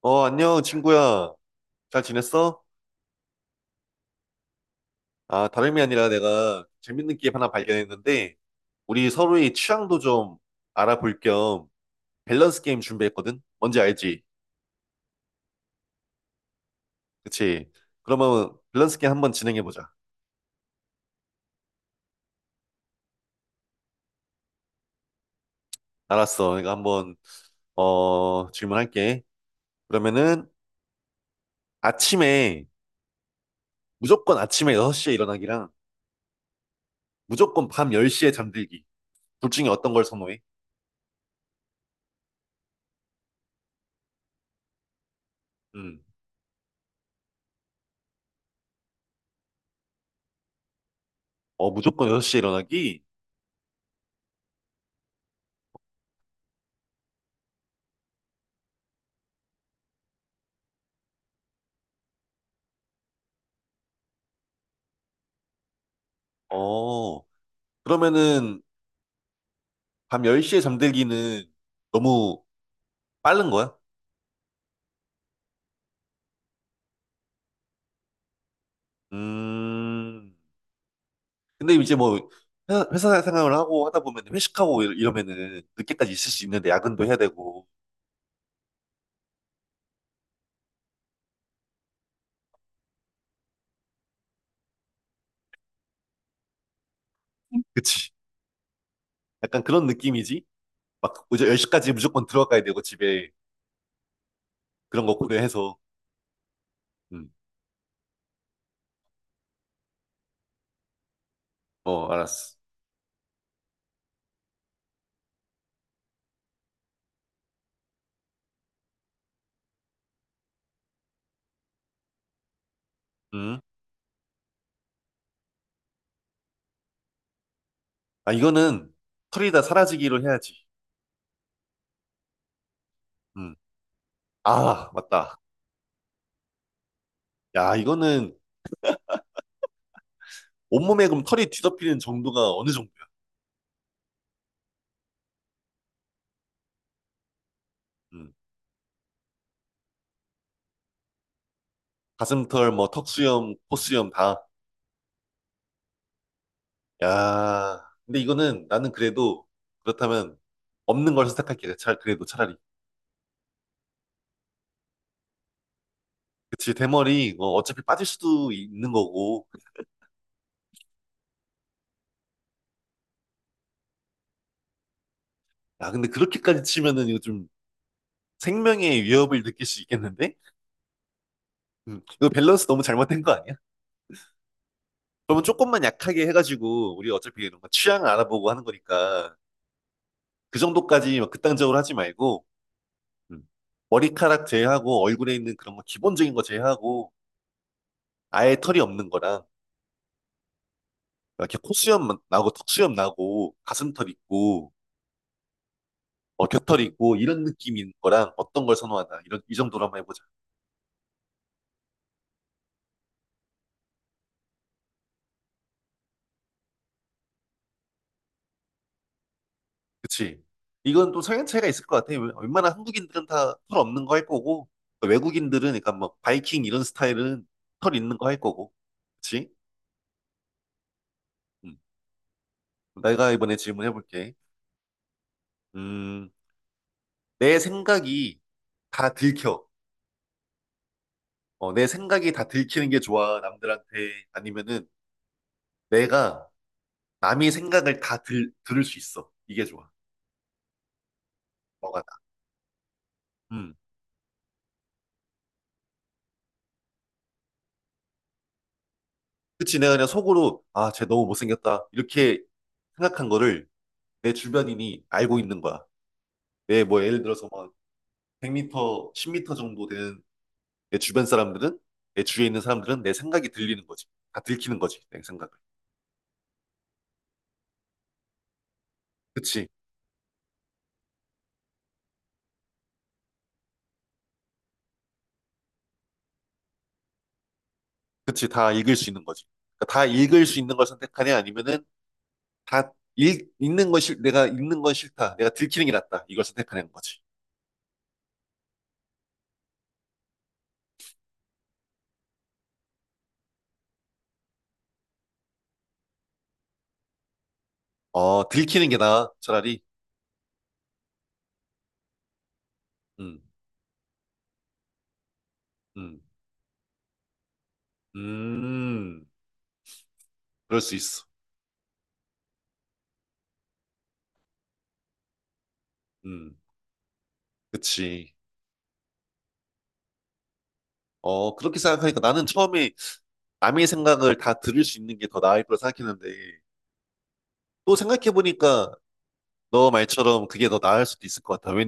안녕, 친구야. 잘 지냈어? 아, 다름이 아니라 내가 재밌는 게임 하나 발견했는데, 우리 서로의 취향도 좀 알아볼 겸 밸런스 게임 준비했거든? 뭔지 알지? 그치? 그러면 밸런스 게임 한번 진행해보자. 알았어. 내가 한번, 질문할게. 그러면은 아침에, 무조건 아침에 6시에 일어나기랑 무조건 밤 10시에 잠들기. 둘 중에 어떤 걸 선호해? 음. 어, 무조건 6시에 일어나기? 어, 그러면은 밤 10시에 잠들기는 너무 빠른 거야? 음. 근데 이제 뭐 회사 생활을 하고 하다 보면 회식하고 이러면은 늦게까지 있을 수 있는데 야근도 해야 되고. 그치. 약간 그런 느낌이지? 막 이제 10시까지 무조건 들어가야 되고 집에 그런 거 고려해서. 음. 어, 알았어. 음. 아, 이거는 털이 다 사라지기로 해야지. 음. 아, 맞다. 야, 이거는 온몸에 그럼 털이 뒤덮이는 정도가 어느 정도야? 음. 가슴털, 뭐, 턱수염, 코수염 다. 야, 근데 이거는 나는 그래도 그렇다면 없는 걸 선택할게. 그래도 차라리. 그치, 대머리, 뭐 어차피 빠질 수도 있는 거고. 야, 근데 그렇게까지 치면은 이거 좀 생명의 위협을 느낄 수 있겠는데? 이거 밸런스 너무 잘못된 거 아니야? 그러면 조금만 약하게 해가지고, 우리 어차피 이런 거 취향을 알아보고 하는 거니까, 그 정도까지 막 극단적으로 하지 말고, 음, 머리카락 제외하고, 얼굴에 있는 그런 거 기본적인 거 제외하고, 아예 털이 없는 거랑, 이렇게 코수염 나고 턱수염 나고 가슴털 있고 겨털 있고 이런 느낌인 거랑 어떤 걸 선호하나 이런 이 정도로 한번 해보자. 그치? 이건 또 성향 차이가 있을 것 같아. 웬만한 한국인들은 다 털 없는 거 할 거고 외국인들은 그러니까 뭐 바이킹 이런 스타일은 털 있는 거 할 거고. 그치? 음. 내가 이번에 질문해볼게. 음, 내 생각이 다 들켜. 내 생각이 다 들키는 게 좋아, 남들한테. 아니면은 내가 남의 생각을 다 들을 수 있어. 이게 좋아. 뭐가 나. 음, 그치, 내가 그냥 속으로, 아, 쟤 너무 못생겼다. 이렇게 생각한 거를 내 주변인이 알고 있는 거야. 내 뭐 예를 들어서 막 100m, 10m 정도 되는 내 주변 사람들은, 내 주위에 있는 사람들은 내 생각이 들리는 거지. 다 들키는 거지, 내 생각을. 그치, 그치, 다 읽을 수 있는 거지. 그러니까 다 읽을 수 있는 걸 선택하냐, 아니면은 다 읽는 건 내가 읽는 건 싫다. 내가 들키는 게 낫다. 이걸 선택하는 거지. 어, 들키는 게 나아, 차라리. 음, 음, 음, 그럴 수 있어. 음, 그치. 그렇게 생각하니까 나는 처음에 남의 생각을 다 들을 수 있는 게 더 나을 거라 생각했는데, 또 생각해보니까 너 말처럼 그게 더 나을 수도 있을 것 같아. 왜,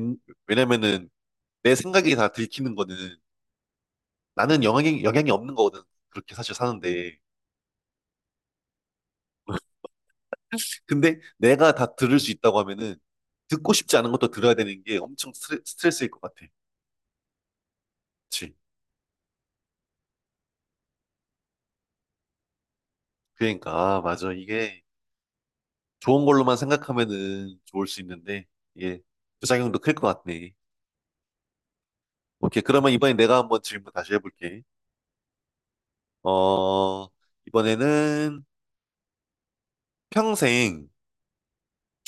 왜냐면은 내 생각이 다 들키는 거는 나는 영향이 없는 거거든. 그렇게 사실 사는데. 근데 내가 다 들을 수 있다고 하면은 듣고 싶지 않은 것도 들어야 되는 게 엄청 스트레스일 것 같아. 그치. 그러니까, 아, 맞아. 이게 좋은 걸로만 생각하면은 좋을 수 있는데, 이게 부작용도 클 것 같네. 오케이. 그러면 이번에 내가 한번 질문 다시 해볼게. 어, 이번에는 평생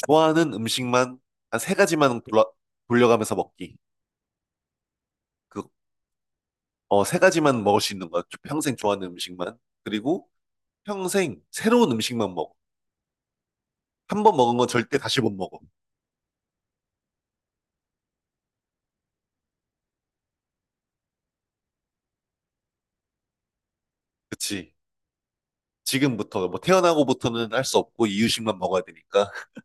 좋아하는 음식만 한 세 가지만 돌려가면서 먹기. 그, 세 가지만 먹을 수 있는 거야. 평생 좋아하는 음식만. 그리고 평생 새로운 음식만 먹어. 한 번 먹은 건 절대 다시 못 먹어. 그치. 지금부터, 뭐 태어나고부터는 할 수 없고 이유식만 먹어야 되니까.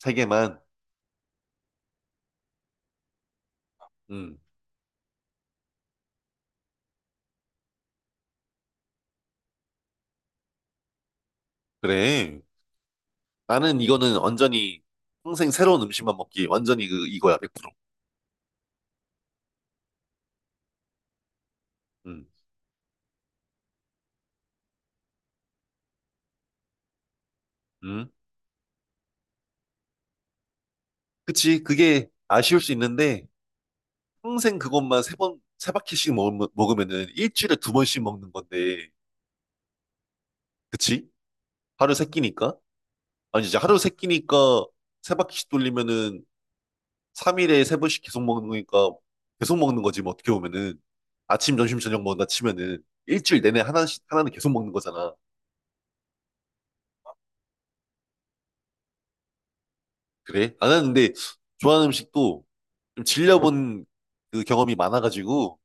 세 개만. 음, 그래. 나는 이거는 완전히 평생 새로운 음식만 먹기. 완전히 그, 이거야, 100%. 음. 음. 그치, 그게 아쉬울 수 있는데, 평생 그것만 세 번, 세 바퀴씩 먹으면은 일주일에 두 번씩 먹는 건데, 그치? 하루 세 끼니까? 아니, 이제 하루 세 끼니까 세 바퀴씩 돌리면은 3일에 세 번씩 계속 먹는 거니까, 계속 먹는 거지, 뭐 어떻게 보면은. 아침, 점심, 저녁 먹는다 치면은 일주일 내내 하나씩, 하나는 계속 먹는 거잖아. 그래? 아, 나는 는데 좋아하는 음식도 좀 질려본 그 경험이 많아가지고,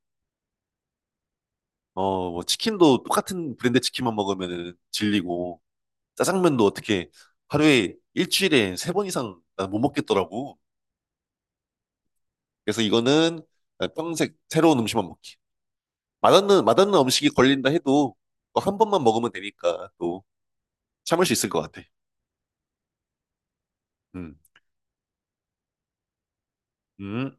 뭐 치킨도 똑같은 브랜드 치킨만 먹으면은 질리고, 짜장면도 어떻게 하루에 일주일에 세 번 이상 난못 먹겠더라고. 그래서 이거는 평생 새로운 음식만 먹기. 맛없는 음식이 걸린다 해도 뭐한 번만 먹으면 되니까 또 참을 수 있을 것 같아. 음, 음,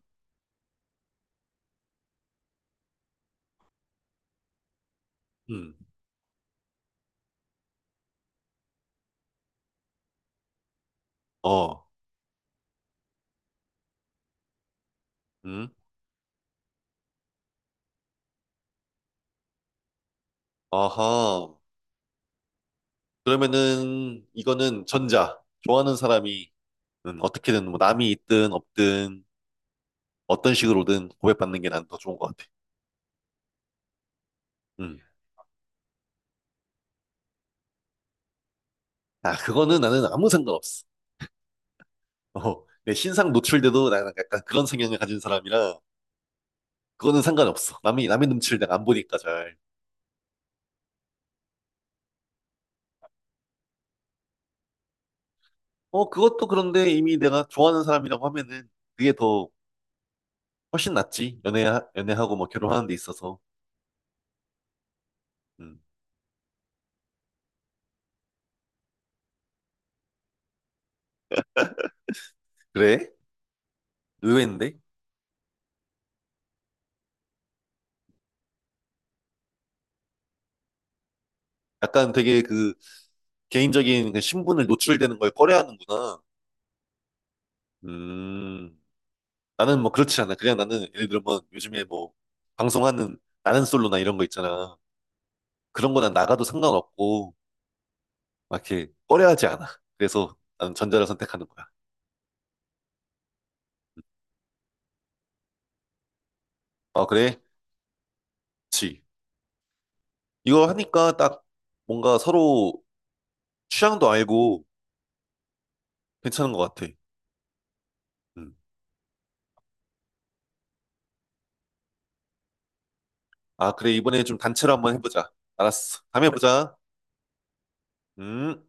음, 어, 음, 아하. 그러면은 이거는 전자. 좋아하는 사람이 어떻게든 뭐 남이 있든 없든 어떤 식으로든 고백받는 게 난 더 좋은 것 같아. 음. 아, 그거는 나는 아무 상관없어. 어, 내 신상 노출돼도 나 약간 그런 성향을 가진 사람이라 그거는 상관없어. 남이 남의 눈치를 내가 안 보니까 잘. 어, 그것도 그런데 이미 내가 좋아하는 사람이라고 하면은 그게 더 훨씬 낫지. 연애하고 뭐 결혼하는 데 있어서. 음. 그래? 의외인데? 약간 되게 그 개인적인 그 신분을 노출되는 걸 꺼려하는구나. 음. 나는 뭐 그렇지 않아. 그냥 나는 예를 들면 요즘에 뭐 방송하는 나는 솔로나 이런 거 있잖아. 그런 거 난 나가도 상관없고 막 이렇게 꺼려하지 않아. 그래서 나는 전자를 선택하는 거야. 아, 그래? 그치. 이거 하니까 딱 뭔가 서로 취향도 알고 괜찮은 것 같아. 음. 아, 그래. 이번에 좀 단체로 한번 해보자. 알았어. 다음에 보자. 음.